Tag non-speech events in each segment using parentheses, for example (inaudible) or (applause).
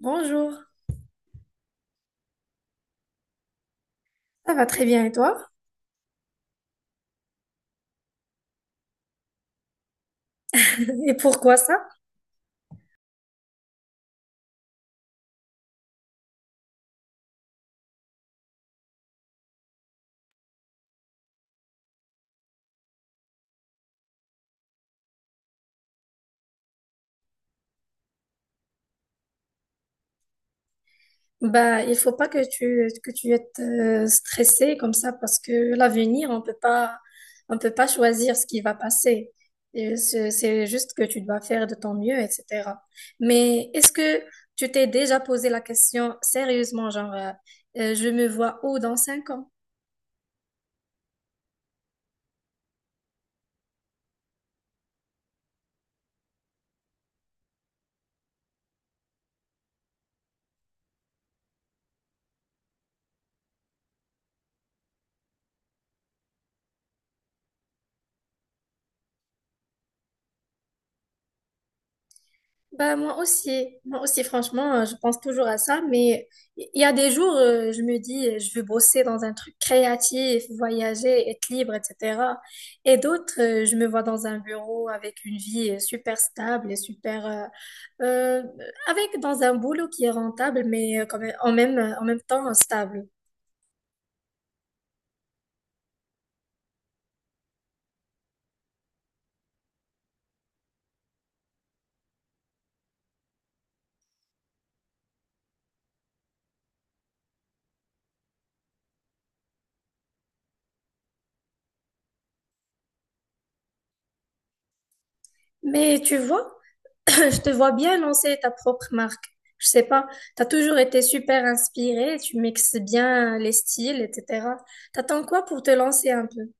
Bonjour, ça va très bien et toi? (laughs) Et pourquoi ça? Bah, il faut pas que tu es stressé comme ça parce que l'avenir, on peut pas choisir ce qui va passer. Et c'est juste que tu dois faire de ton mieux, etc. Mais est-ce que tu t'es déjà posé la question sérieusement, genre, je me vois où dans 5 ans? Bah, moi aussi, franchement, je pense toujours à ça, mais il y a des jours, je me dis, je veux bosser dans un truc créatif, voyager, être libre, etc. Et d'autres, je me vois dans un bureau avec une vie super stable et super, euh, avec dans un boulot qui est rentable, mais quand même, en même temps stable. Mais tu vois, (coughs) je te vois bien lancer ta propre marque. Je sais pas, tu as toujours été super inspirée, tu mixes bien les styles, etc. T'attends quoi pour te lancer un peu?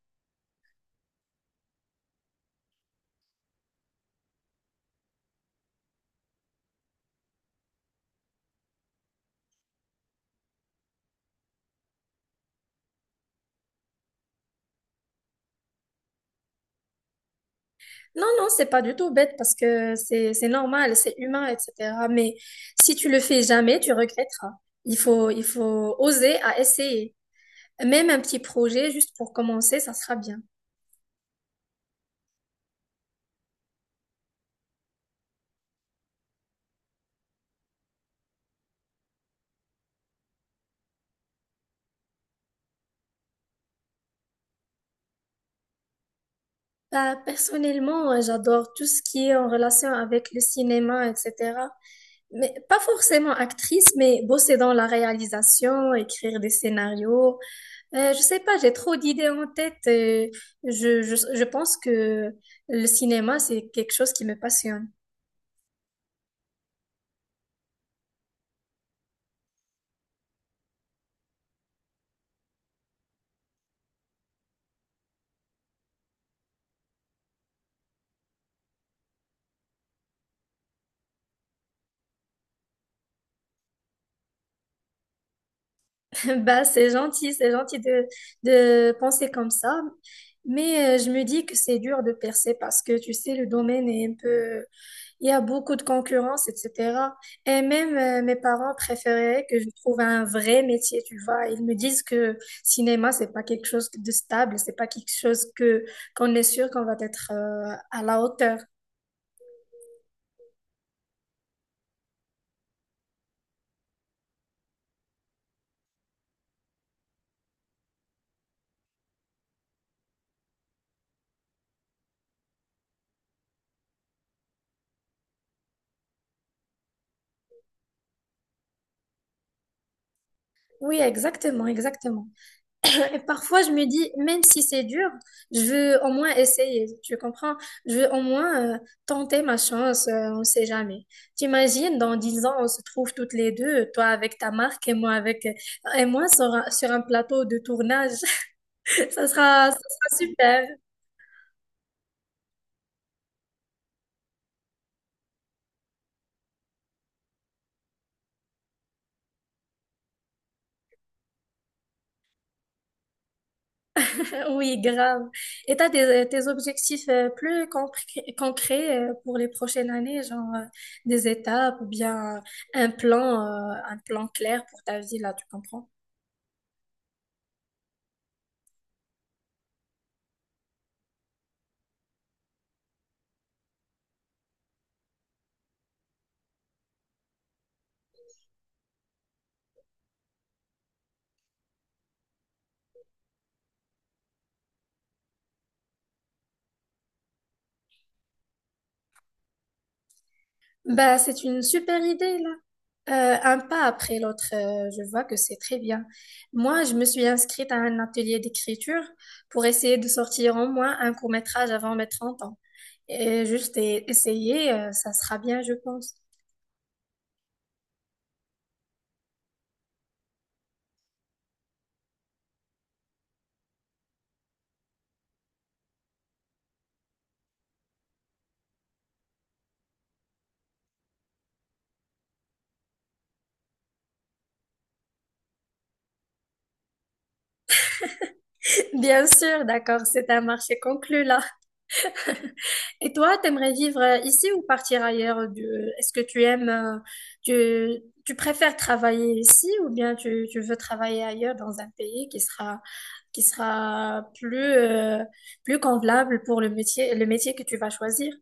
Non, non, c'est pas du tout bête parce que c'est normal, c'est humain, etc. Mais si tu le fais jamais, tu regretteras. Il faut oser à essayer. Même un petit projet juste pour commencer, ça sera bien. Bah, personnellement, j'adore tout ce qui est en relation avec le cinéma, etc. Mais pas forcément actrice, mais bosser dans la réalisation, écrire des scénarios. Je sais pas, j'ai trop d'idées en tête. Je pense que le cinéma, c'est quelque chose qui me passionne. (laughs) Bah, c'est gentil de penser comme ça. Mais je me dis que c'est dur de percer parce que, tu sais, le domaine est un peu. Il y a beaucoup de concurrence, etc. Et même mes parents préféraient que je trouve un vrai métier, tu vois. Ils me disent que cinéma, c'est pas quelque chose de stable, c'est pas quelque chose que qu'on est sûr qu'on va être à la hauteur. Oui, exactement, exactement. Et parfois, je me dis, même si c'est dur, je veux au moins essayer, tu comprends? Je veux au moins tenter ma chance, on sait jamais. T'imagines, dans 10 ans, on se trouve toutes les deux, toi avec ta marque et moi avec, et moi sur sur un plateau de tournage. (laughs) Ça sera super. Oui, grave. Et t'as tes objectifs plus concrets pour les prochaines années, genre, des étapes ou bien un plan, un plan clair pour ta vie, là, tu comprends? Bah, c'est une super idée, là. Un pas après l'autre, je vois que c'est très bien. Moi, je me suis inscrite à un atelier d'écriture pour essayer de sortir au moins un court-métrage avant mes 30 ans. Et juste essayer, ça sera bien, je pense. (laughs) Bien sûr, d'accord, c'est un marché conclu, là. Et toi, t'aimerais vivre ici ou partir ailleurs? Est-ce que tu aimes, tu préfères travailler ici ou bien tu veux travailler ailleurs dans un pays qui sera plus, plus convenable pour le métier que tu vas choisir?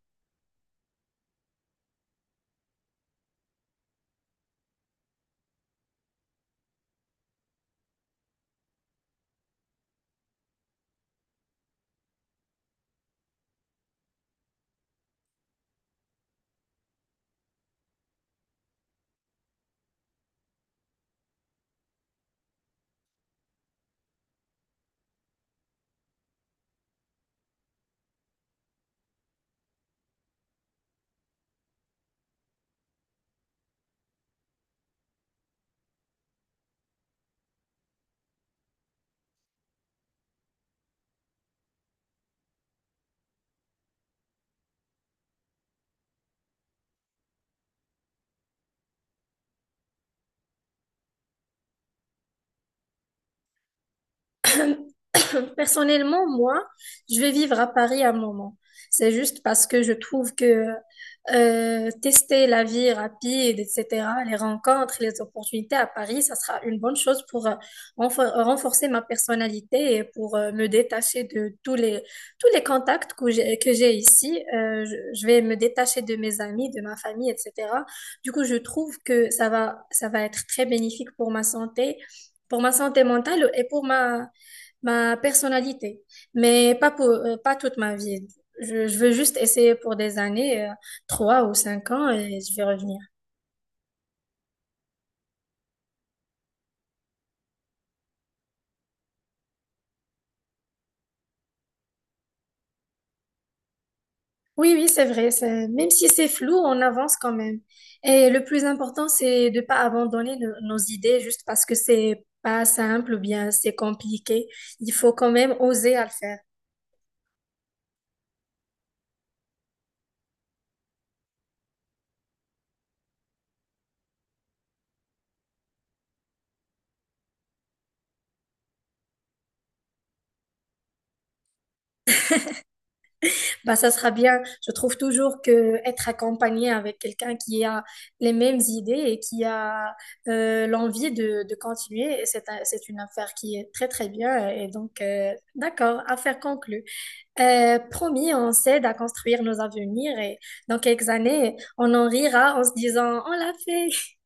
(coughs) Personnellement, moi, je vais vivre à Paris un moment. C'est juste parce que je trouve que tester la vie rapide, etc., les rencontres, les opportunités à Paris, ça sera une bonne chose pour renforcer ma personnalité et pour me détacher de tous les contacts que j'ai ici. Je vais me détacher de mes amis, de ma famille, etc. Du coup, je trouve que ça va être très bénéfique pour ma santé mentale et pour ma personnalité, mais pas pour, pas toute ma vie. Je veux juste essayer pour des années, 3 ou 5 ans, et je vais revenir. Oui, oui, c'est vrai. Même si c'est flou, on avance quand même. Et le plus important, c'est de pas abandonner nos idées juste parce que c'est pas simple ou bien c'est compliqué. Il faut quand même oser à le faire. Bah, ça sera bien. Je trouve toujours que être accompagné avec quelqu'un qui a les mêmes idées et qui a l'envie de continuer, c'est une affaire qui est très très bien. Et donc, d'accord, affaire conclue. Promis, on s'aide à construire nos avenirs et dans quelques années, on en rira en se disant, on l'a fait. (laughs)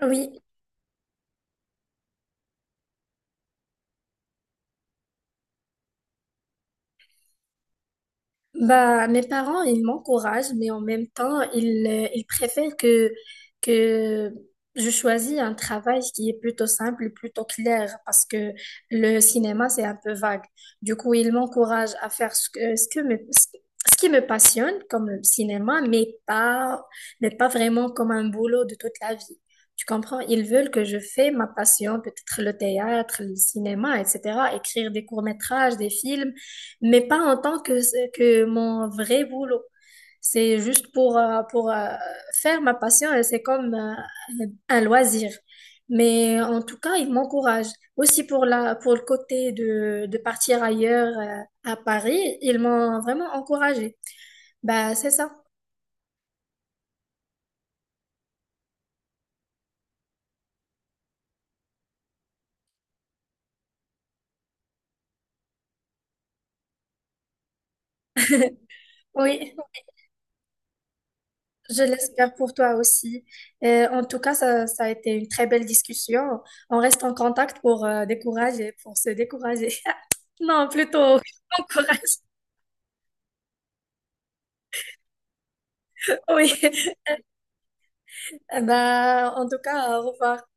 Oui. Bah, mes parents, ils m'encouragent, mais en même temps, ils préfèrent que je choisis un travail qui est plutôt simple, plutôt clair, parce que le cinéma, c'est un peu vague. Du coup, ils m'encouragent à faire ce ce qui me passionne, comme le cinéma, mais pas vraiment comme un boulot de toute la vie. Tu comprends? Ils veulent que je fais ma passion, peut-être le théâtre, le cinéma, etc., écrire des courts-métrages, des films mais pas en tant que mon vrai boulot. C'est juste pour, pour faire ma passion, et c'est comme un loisir. Mais en tout cas, il m'encourage. Aussi pour pour le côté de partir ailleurs à Paris, ils m'ont vraiment encouragé. Bah, c'est ça. Oui, je l'espère pour toi aussi. En tout cas, ça a été une très belle discussion. On reste en contact pour décourager, pour se décourager. (laughs) Non, plutôt (laughs) encourage. Oui. Eh ben, en tout cas, au revoir.